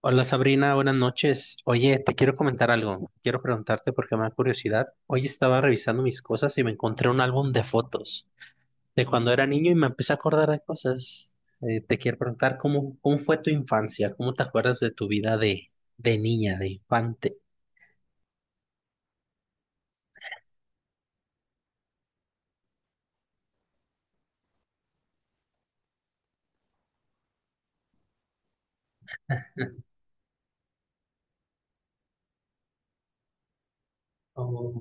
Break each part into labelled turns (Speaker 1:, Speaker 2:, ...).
Speaker 1: Hola Sabrina, buenas noches. Oye, te quiero comentar algo. Quiero preguntarte porque me da curiosidad. Hoy estaba revisando mis cosas y me encontré un álbum de fotos de cuando era niño y me empecé a acordar de cosas. Te quiero preguntar cómo fue tu infancia, cómo te acuerdas de tu vida de niña, de infante. Oh,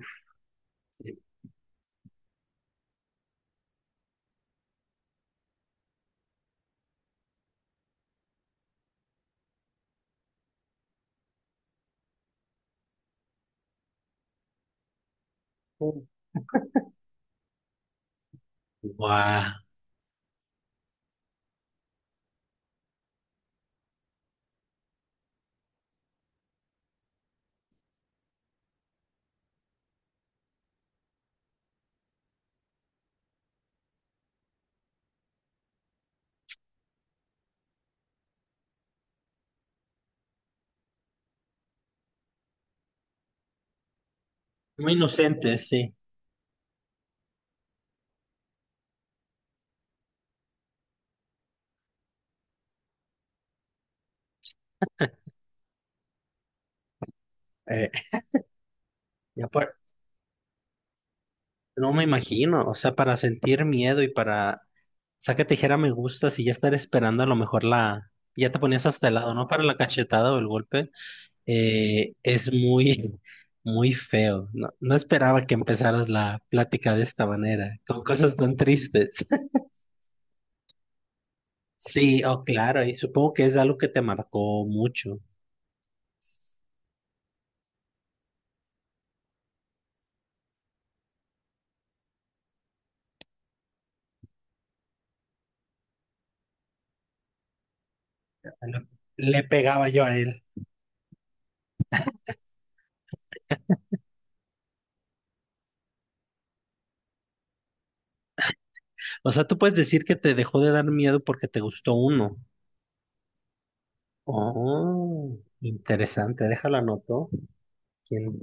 Speaker 1: wow. Muy inocente, sí. Eh, ya por- no me imagino, o sea, para sentir miedo y para saca tijera me gusta, si ya estar esperando a lo mejor la... Ya te ponías hasta el lado, ¿no? Para la cachetada o el golpe. Es muy feo. No, no esperaba que empezaras la plática de esta manera, con cosas tan tristes. Sí, oh, claro, y supongo que es algo que te marcó mucho. Lo- Le pegaba yo a él. O sea, tú puedes decir que te dejó de dar miedo porque te gustó uno. Oh, interesante, déjalo anoto. ¿Quién?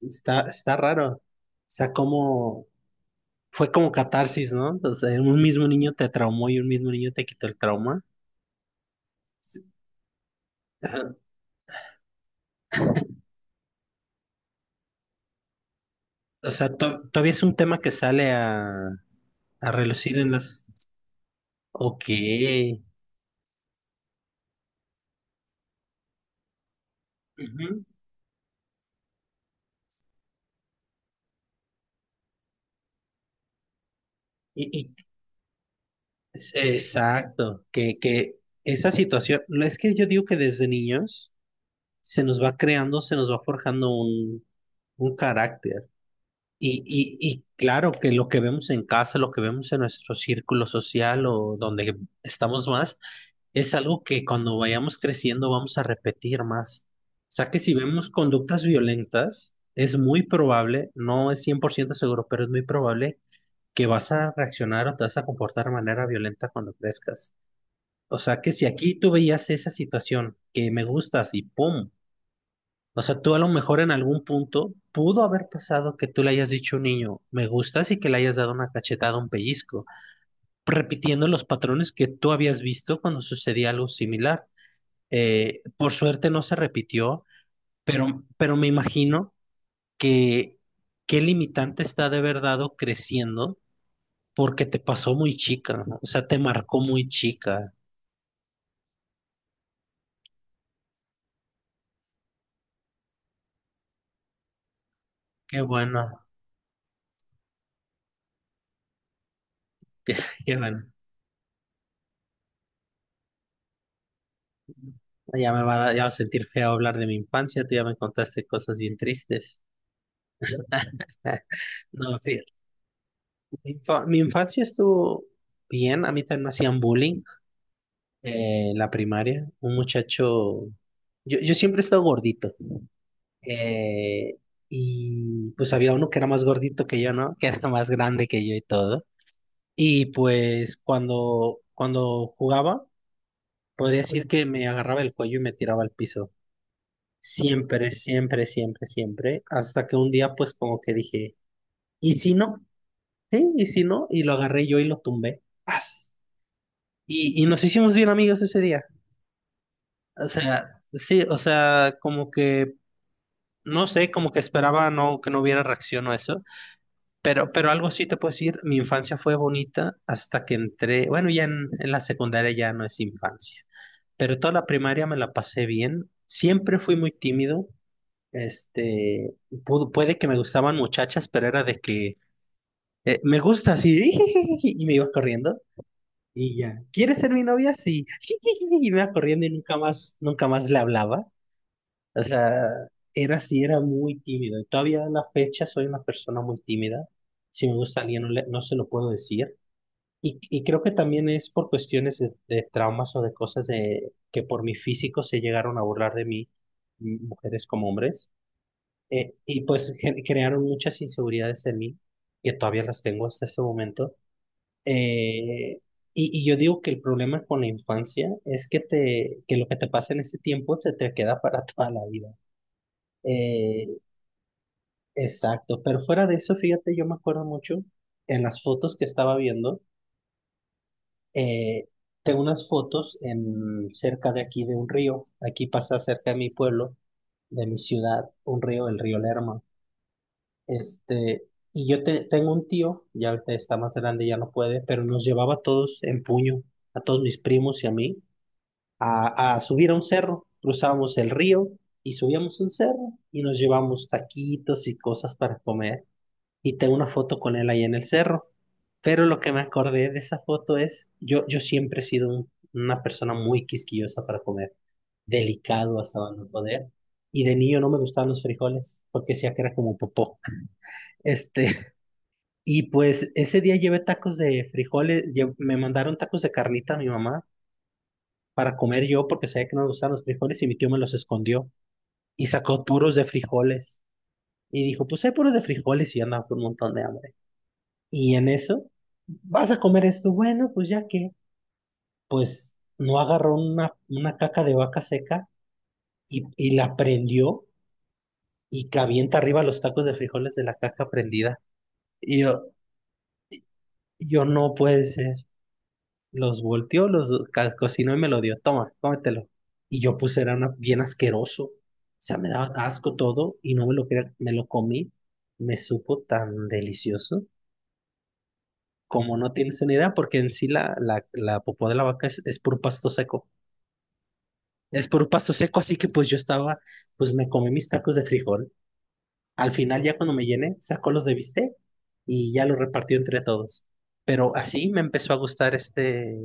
Speaker 1: Está raro. O sea, como... fue como catarsis, ¿no? O sea, un mismo niño te traumó y un mismo niño te quitó el trauma. Sí. Ajá. O sea, todavía es un tema que sale a relucir en las... Ok. Ujú. Y, y- exacto, que esa situación, no, es que yo digo que desde niños se nos va creando, se nos va forjando un carácter. Y claro que lo que vemos en casa, lo que vemos en nuestro círculo social o donde estamos más, es algo que cuando vayamos creciendo vamos a repetir más. O sea que si vemos conductas violentas, es muy probable, no es 100% seguro, pero es muy probable que vas a reaccionar o te vas a comportar de manera violenta cuando crezcas. O sea que si aquí tú veías esa situación que me gustas y ¡pum! O sea, tú a lo mejor en algún punto pudo haber pasado que tú le hayas dicho a un niño, me gustas y que le hayas dado una cachetada, un pellizco, repitiendo los patrones que tú habías visto cuando sucedía algo similar. Por suerte no se repitió, pero me imagino que qué limitante está de haber dado creciendo porque te pasó muy chica, ¿no? O sea, te marcó muy chica. Qué bueno, qué bueno. Ya me va a ya va a sentir feo hablar de mi infancia, tú ya me contaste cosas bien tristes. No, fíjate, mi infancia estuvo bien, a mí también me hacían bullying en la primaria. Un muchacho, yo siempre he estado gordito. Eh, y pues había uno que era más gordito que yo, ¿no? Que era más grande que yo y todo. Y pues cuando jugaba, podría decir que me agarraba el cuello y me tiraba al piso. Siempre, siempre, siempre, siempre. Hasta que un día pues como que dije, ¿y si no? ¿Sí? ¿Y si no? Y lo agarré yo y lo tumbé. ¡Paz! Y nos hicimos bien amigos ese día. O sea, sí, o sea, como que, no sé, como que esperaba no, que no hubiera reacción o eso. Pero algo sí te puedo decir, mi infancia fue bonita hasta que entré, bueno, ya en la secundaria ya no es infancia, pero toda la primaria me la pasé bien, siempre fui muy tímido, este, puede que me gustaban muchachas, pero era de que me gusta así, y me iba corriendo, y ya, ¿quieres ser mi novia? Sí, y me iba corriendo y nunca más le hablaba, o sea, era así, era muy tímido. Y todavía a la fecha soy una persona muy tímida. Si me gusta alguien, no, no se lo puedo decir. Y creo que también es por cuestiones de traumas o de cosas de, que por mi físico se llegaron a burlar de mí, mujeres como hombres. Y pues crearon muchas inseguridades en mí, que todavía las tengo hasta este momento. Eh, y yo digo que el problema con la infancia es que, te, que lo que te pasa en ese tiempo se te queda para toda la vida. Eh, Exacto, pero fuera de eso, fíjate, yo me acuerdo mucho en las fotos que estaba viendo. eh, Tengo unas fotos en cerca de aquí de un río, aquí pasa cerca de mi pueblo, de mi ciudad, un río, el río Lerma. Este, y tengo un tío, ya ahorita está más grande, ya no puede, pero nos llevaba a todos en puño, a todos mis primos y a mí, a subir a un cerro. Cruzábamos el río y subíamos un cerro y nos llevamos taquitos y cosas para comer. Y tengo una foto con él ahí en el cerro. Pero lo que me acordé de esa foto es, yo siempre he sido una persona muy quisquillosa para comer, delicado hasta no poder. Y de niño no me gustaban los frijoles, porque decía que era como popó. Este, y pues ese día llevé tacos de frijoles, me mandaron tacos de carnita a mi mamá para comer yo, porque sabía que no me gustaban los frijoles y mi tío me los escondió y sacó puros de frijoles. Y dijo, pues hay puros de frijoles y yo andaba con un montón de hambre. Y en eso, vas a comer esto, bueno, pues ya que, pues no agarró una caca de vaca seca y la prendió y que avienta arriba los tacos de frijoles de la caca prendida. Y yo, yo no puede ser. Los volteó, los cocinó y me lo dio. Toma, cómetelo. Y yo puse, era bien asqueroso. O sea, me daba asco todo y no me lo quería, me lo comí. Me supo tan delicioso. Como no tienes una idea, porque en sí la popó de la vaca es puro pasto seco. Es por pasto seco, así que pues yo estaba, pues me comí mis tacos de frijol. Al final ya cuando me llené, sacó los de bistec y ya los repartió entre todos. Pero así me empezó a gustar este,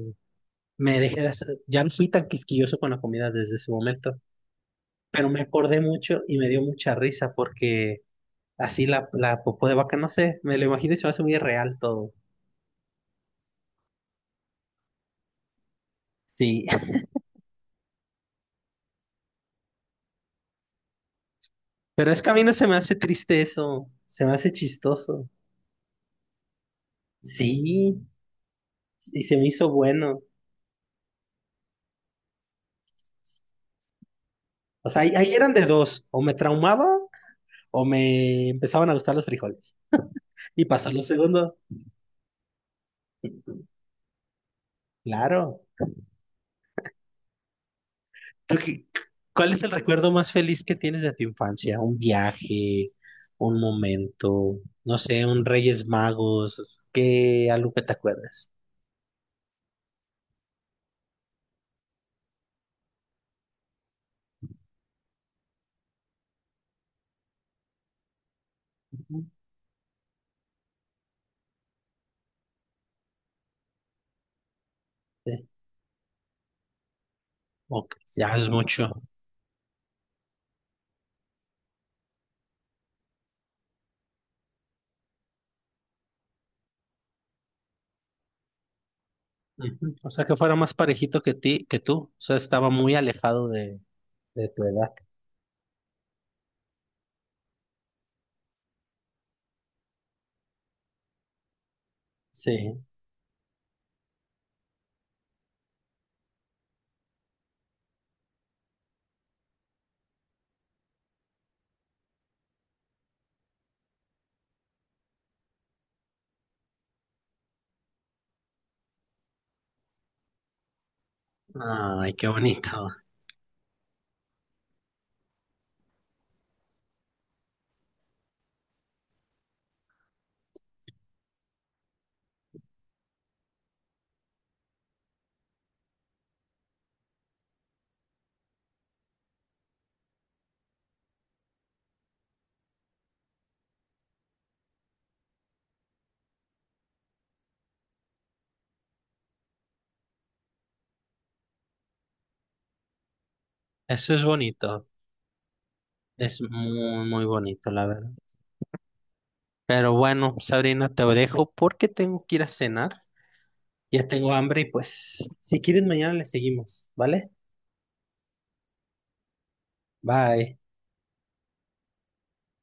Speaker 1: me dejé de hacer- ya no fui tan quisquilloso con la comida desde ese momento, pero me acordé mucho y me dio mucha risa porque así la, la popó de vaca, no sé, me lo imagino y se me hace muy real todo. Sí, pero es que a mí no se me hace triste eso, se me hace chistoso. Sí, y se me hizo bueno. O sea, ahí eran de dos, o me traumaba o me empezaban a gustar los frijoles. Y pasó lo segundo, claro. ¿Tú qué- ¿Cuál es el recuerdo más feliz que tienes de tu infancia? ¿Un viaje, un momento, no sé, un Reyes Magos? ¿Qué, algo que te acuerdas? Ujú. Sí. Ok, ya es mucho. Ujú. O sea, que fuera más parejito que ti, que tú. O sea, estaba muy alejado de tu edad. Sí. Ay, qué bonito. Eso es bonito. Es muy, muy bonito, la verdad. Pero bueno, Sabrina, te dejo porque tengo que ir a cenar. Ya tengo hambre y pues, si quieres, mañana le seguimos, ¿vale? Bye.